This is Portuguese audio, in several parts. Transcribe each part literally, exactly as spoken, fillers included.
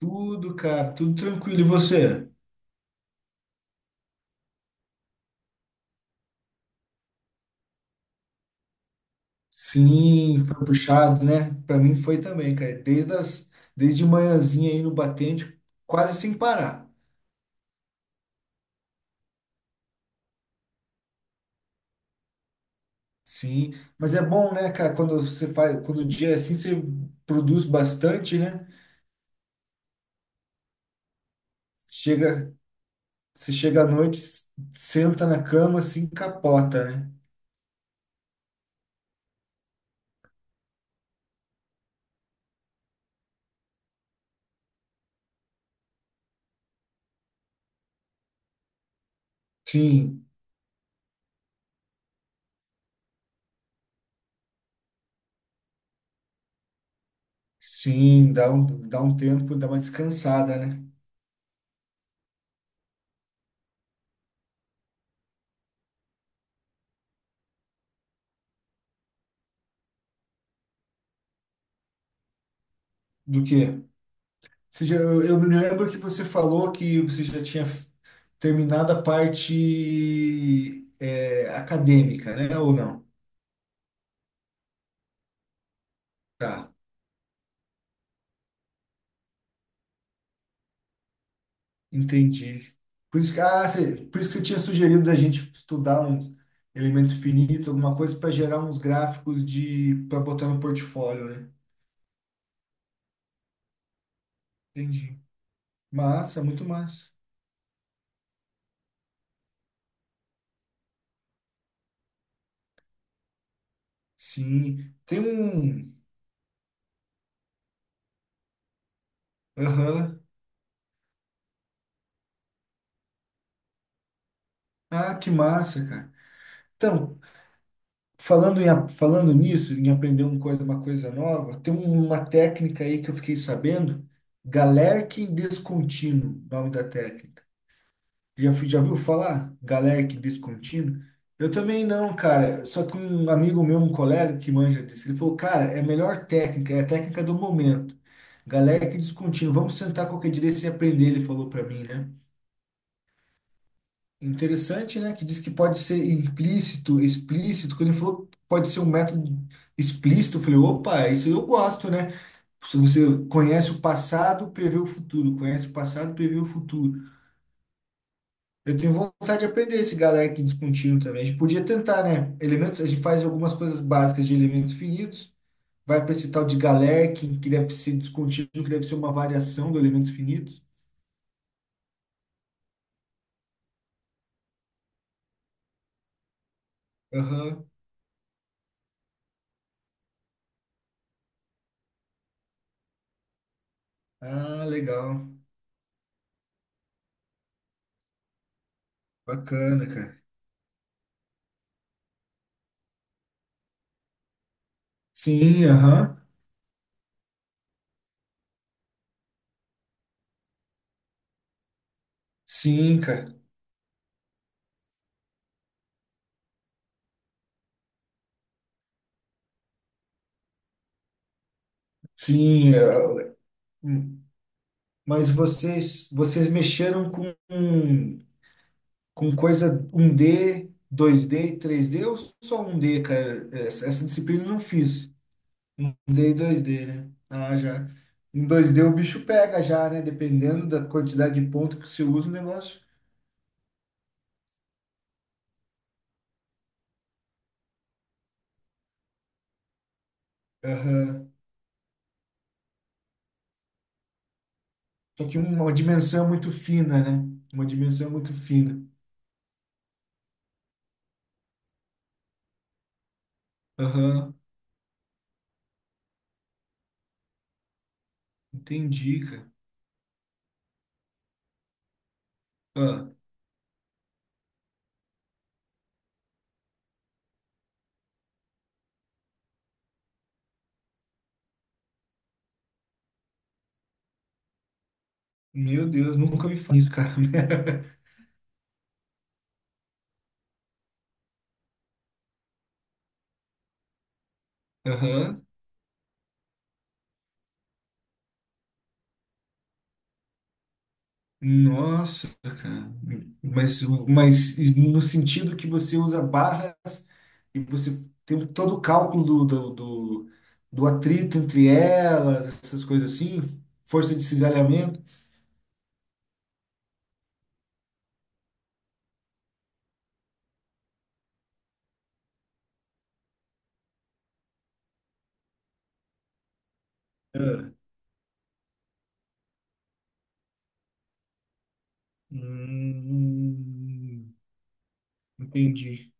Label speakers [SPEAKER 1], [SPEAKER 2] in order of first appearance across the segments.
[SPEAKER 1] Tudo, cara, tudo tranquilo. E você? Sim, foi puxado, né? Pra mim foi também, cara. Desde as, desde manhãzinha aí no batente, quase sem parar. Sim, mas é bom, né, cara? Quando você faz, quando o dia é assim, você produz bastante, né? Chega, Você chega à noite, senta na cama, assim, capota, né? Sim, sim, dá um, dá um tempo, dá uma descansada, né? Do quê? Você já- eu, eu me lembro que você falou que você já tinha f- terminado a parte é, acadêmica, né? Ou não? Tá, entendi. Por isso que, ah, você, por isso que você tinha sugerido da gente estudar uns elementos finitos, alguma coisa para gerar uns gráficos de para botar no portfólio, né? Entendi. Massa, muito massa. Sim, tem um. Aham. Ah, que massa, cara. Então, Falando em, a- falando nisso, em aprender uma coisa, uma coisa nova, tem um, uma técnica aí que eu fiquei sabendo, Galerkin descontínuo, nome da técnica. Já, fui- já viu falar? Galerkin descontínuo? Eu também não, cara. Só que um amigo meu, um colega que manja disso, ele falou, cara, é a melhor técnica, é a técnica do momento. Galerkin descontínuo. Vamos sentar qualquer dia desse e aprender, ele falou para mim, né? Interessante, né? Que diz que pode ser implícito, explícito. Quando ele falou que pode ser um método explícito, eu falei, opa, isso eu gosto, né? Se você conhece o passado, prevê o futuro. Conhece o passado, prevê o futuro. Eu tenho vontade de aprender esse galera que descontínuo também. A gente podia tentar, né? Elementos, a gente faz algumas coisas básicas de elementos finitos, vai para esse tal de Galerkin, que deve ser descontínuo, que deve ser uma variação do elementos finitos. Aham. Ah, legal. Bacana, cara. Sim, aham. Sim, cara. Sim. Eh, hum. Mas vocês, vocês mexeram com, com coisa um d dois d e três d ou só um d, cara? Essa, essa disciplina eu não fiz. Um d e dois d, né? Ah, já. Em dois d o bicho pega já, né? Dependendo da quantidade de ponto que você usa o negócio. Aham. Só que uma dimensão é muito fina, né? Uma dimensão é muito fina. Aham. Entendi, cara. Ah, meu Deus, nunca me falar isso, cara. Aham. Nossa, cara. Mas, mas no sentido que você usa barras e você tem todo o cálculo do, do, do, do atrito entre elas, essas coisas assim, força de cisalhamento. Ah, hum, entendi,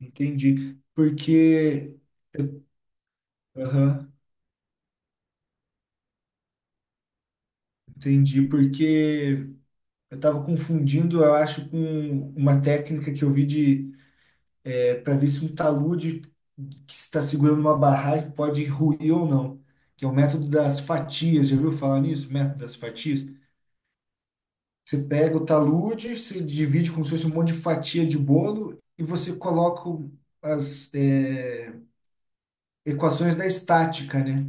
[SPEAKER 1] entendi. Porque, aham, entendi, porque eu estava confundindo, eu acho, com uma técnica que eu vi de para ver se um talude que está segurando uma barragem pode ruir ou não, que é o método das fatias. Já ouviu falar nisso? Método das fatias? Você pega o talude, se divide como se fosse um monte de fatia de bolo e você coloca o- as é, equações da estática, né?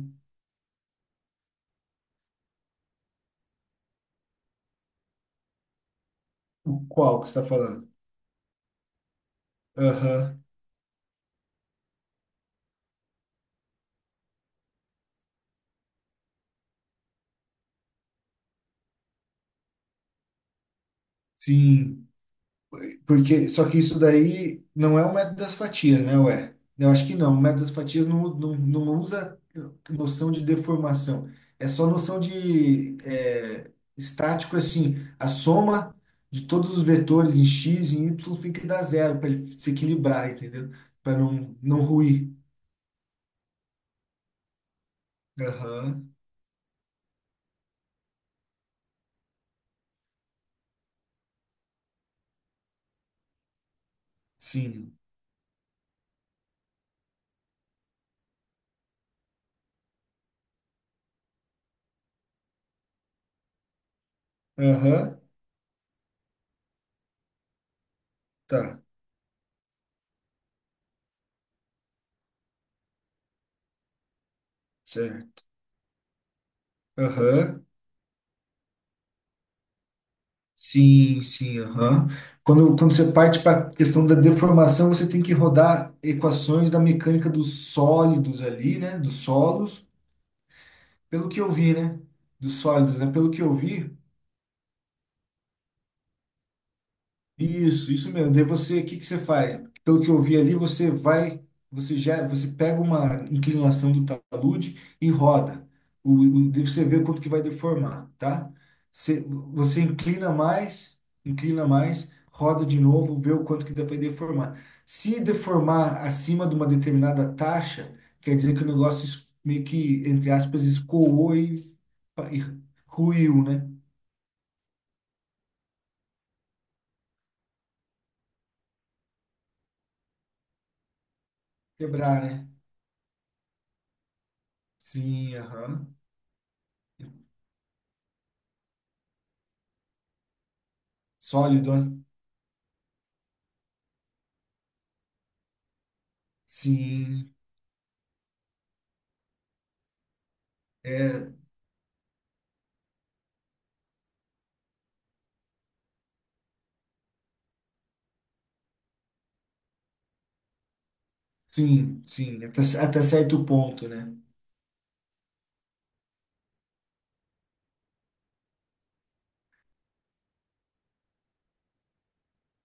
[SPEAKER 1] O qual que você está falando? Aham, sim. Porque, só que isso daí não é o método das fatias, né, ué? Eu acho que não. O método das fatias não, não, não usa noção de deformação. É só noção de é, estático, é assim, a soma de todos os vetores em x e em y tem que dar zero para ele se equilibrar, entendeu? Para não, não ruir. Aham, sim. Aham, tá, certo. Aham. Sim, sim, aham. Quando, quando você parte para a questão da deformação, você tem que rodar equações da mecânica dos sólidos ali, né? Dos solos, pelo que eu vi, né? Dos sólidos, né? Pelo que eu vi, Isso, isso mesmo. Daí você, o que que você faz? Pelo que eu vi ali, você vai, você já, você pega uma inclinação do talude e roda. O, o, daí você vê quanto que vai deformar, tá? Você, você inclina mais, inclina mais, roda de novo, vê o quanto que vai deformar. Se deformar acima de uma determinada taxa, quer dizer que o negócio es- meio que, entre aspas, escoou e, e ruiu, né? Quebrar, né? Sim, aham. Sólido, né? Sim, é, sim, sim, até, até certo ponto, né?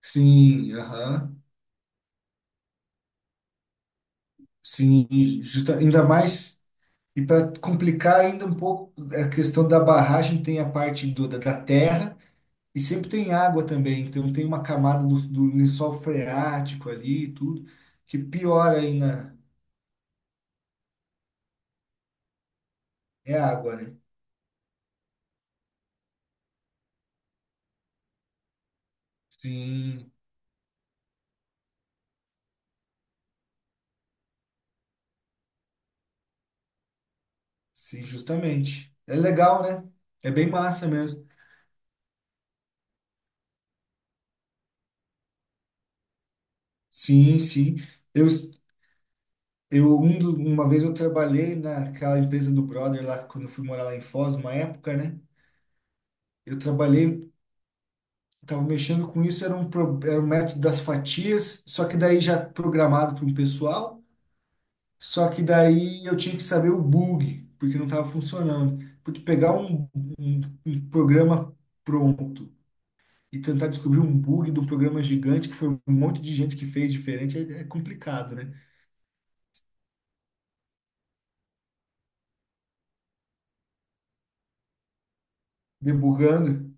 [SPEAKER 1] Sim, aham, sim, justa, ainda mais, e para complicar ainda um pouco, a questão da barragem tem a parte do, da, da terra e sempre tem água também, então tem uma camada do, do lençol freático ali e tudo, que piora ainda, é água, né? Sim, sim, justamente. É legal, né? É bem massa mesmo. Sim, sim. Eu, Eu, um do- uma vez eu trabalhei naquela empresa do brother lá, quando eu fui morar lá em Foz, uma época, né? Eu trabalhei, tava mexendo com isso, era um, pro- era um método das fatias, só que daí já programado para um pessoal, só que daí eu tinha que saber o bug, porque não estava funcionando. Porque pegar um, um, um programa pronto e tentar descobrir um bug de um programa gigante, que foi um monte de gente que fez diferente, é, é complicado, né? Debugando,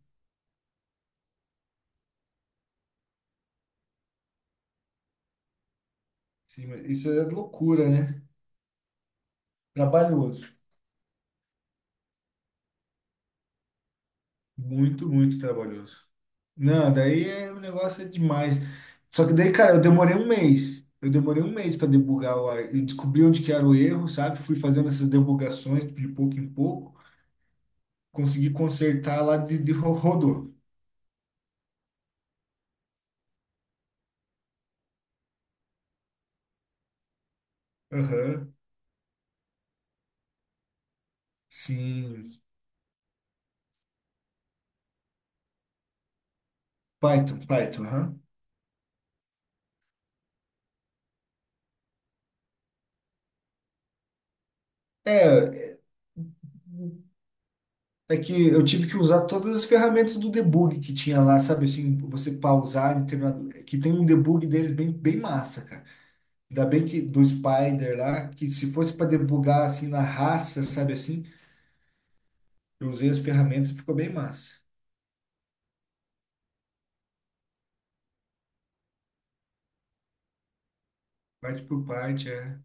[SPEAKER 1] sim, mas isso é loucura, né? Trabalhoso. Muito, muito trabalhoso. Não, daí é, o negócio é demais. Só que daí, cara, eu demorei um mês. Eu demorei um mês para debugar o ar. Eu descobri onde que era o erro, sabe? Fui fazendo essas debugações de pouco em pouco. Consegui consertar lá, de, de ro- rodou. Aham. Sim. Python, Python, aham. É, é que eu tive que usar todas as ferramentas do debug que tinha lá, sabe? Assim, você pausar, determinado, que tem um debug deles bem, bem massa, cara. Ainda bem que do Spider lá, que se fosse para debugar assim na raça, sabe assim, eu usei as ferramentas e ficou bem massa. Parte por parte, é.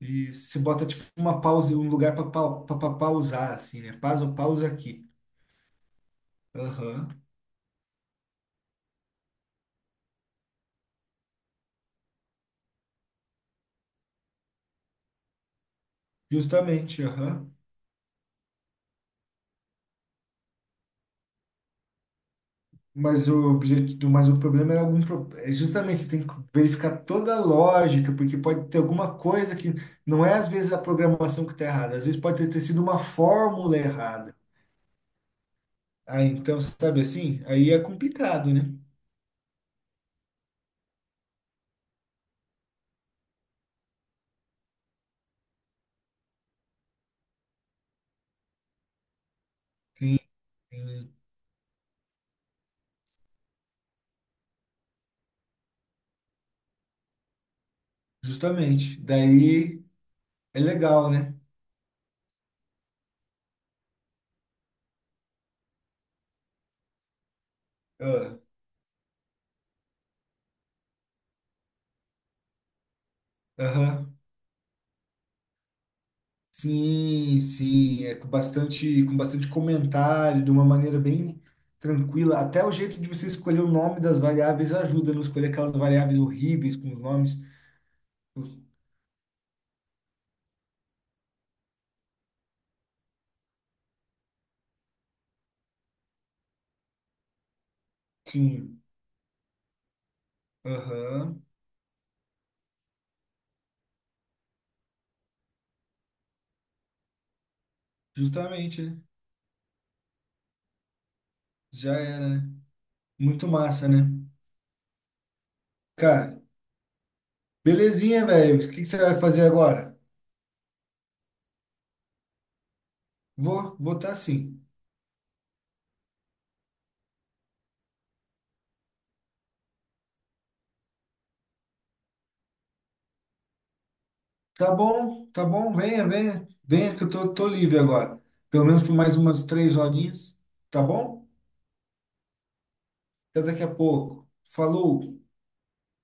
[SPEAKER 1] E se bota tipo uma pausa, um lugar para pa, pa- pa- pausar, assim, né? Pausa, pausa aqui. Aham. Justamente, aham. Mas o objetivo, mas o problema era algum pro- é justamente, você tem que verificar toda a lógica, porque pode ter alguma coisa que não é às vezes a programação que está errada, às vezes pode ter ter sido uma fórmula errada. Ah, então, sabe assim? Aí é complicado, né? Sim, sim, justamente. Daí é legal, né? Ah, Aham. Sim, sim. É com bastante, com bastante comentário, de uma maneira bem tranquila. Até o jeito de você escolher o nome das variáveis ajuda a não escolher aquelas variáveis horríveis com os nomes. Sim. Aham. Justamente, né? Já era, né? Muito massa, né? Cara, belezinha, velho. O que que você vai fazer agora? Vou, vou tá sim. Tá bom, tá bom, venha, venha, venha que eu tô, tô livre agora. Pelo menos por mais umas três horinhas, tá bom? Até daqui a pouco. Falou!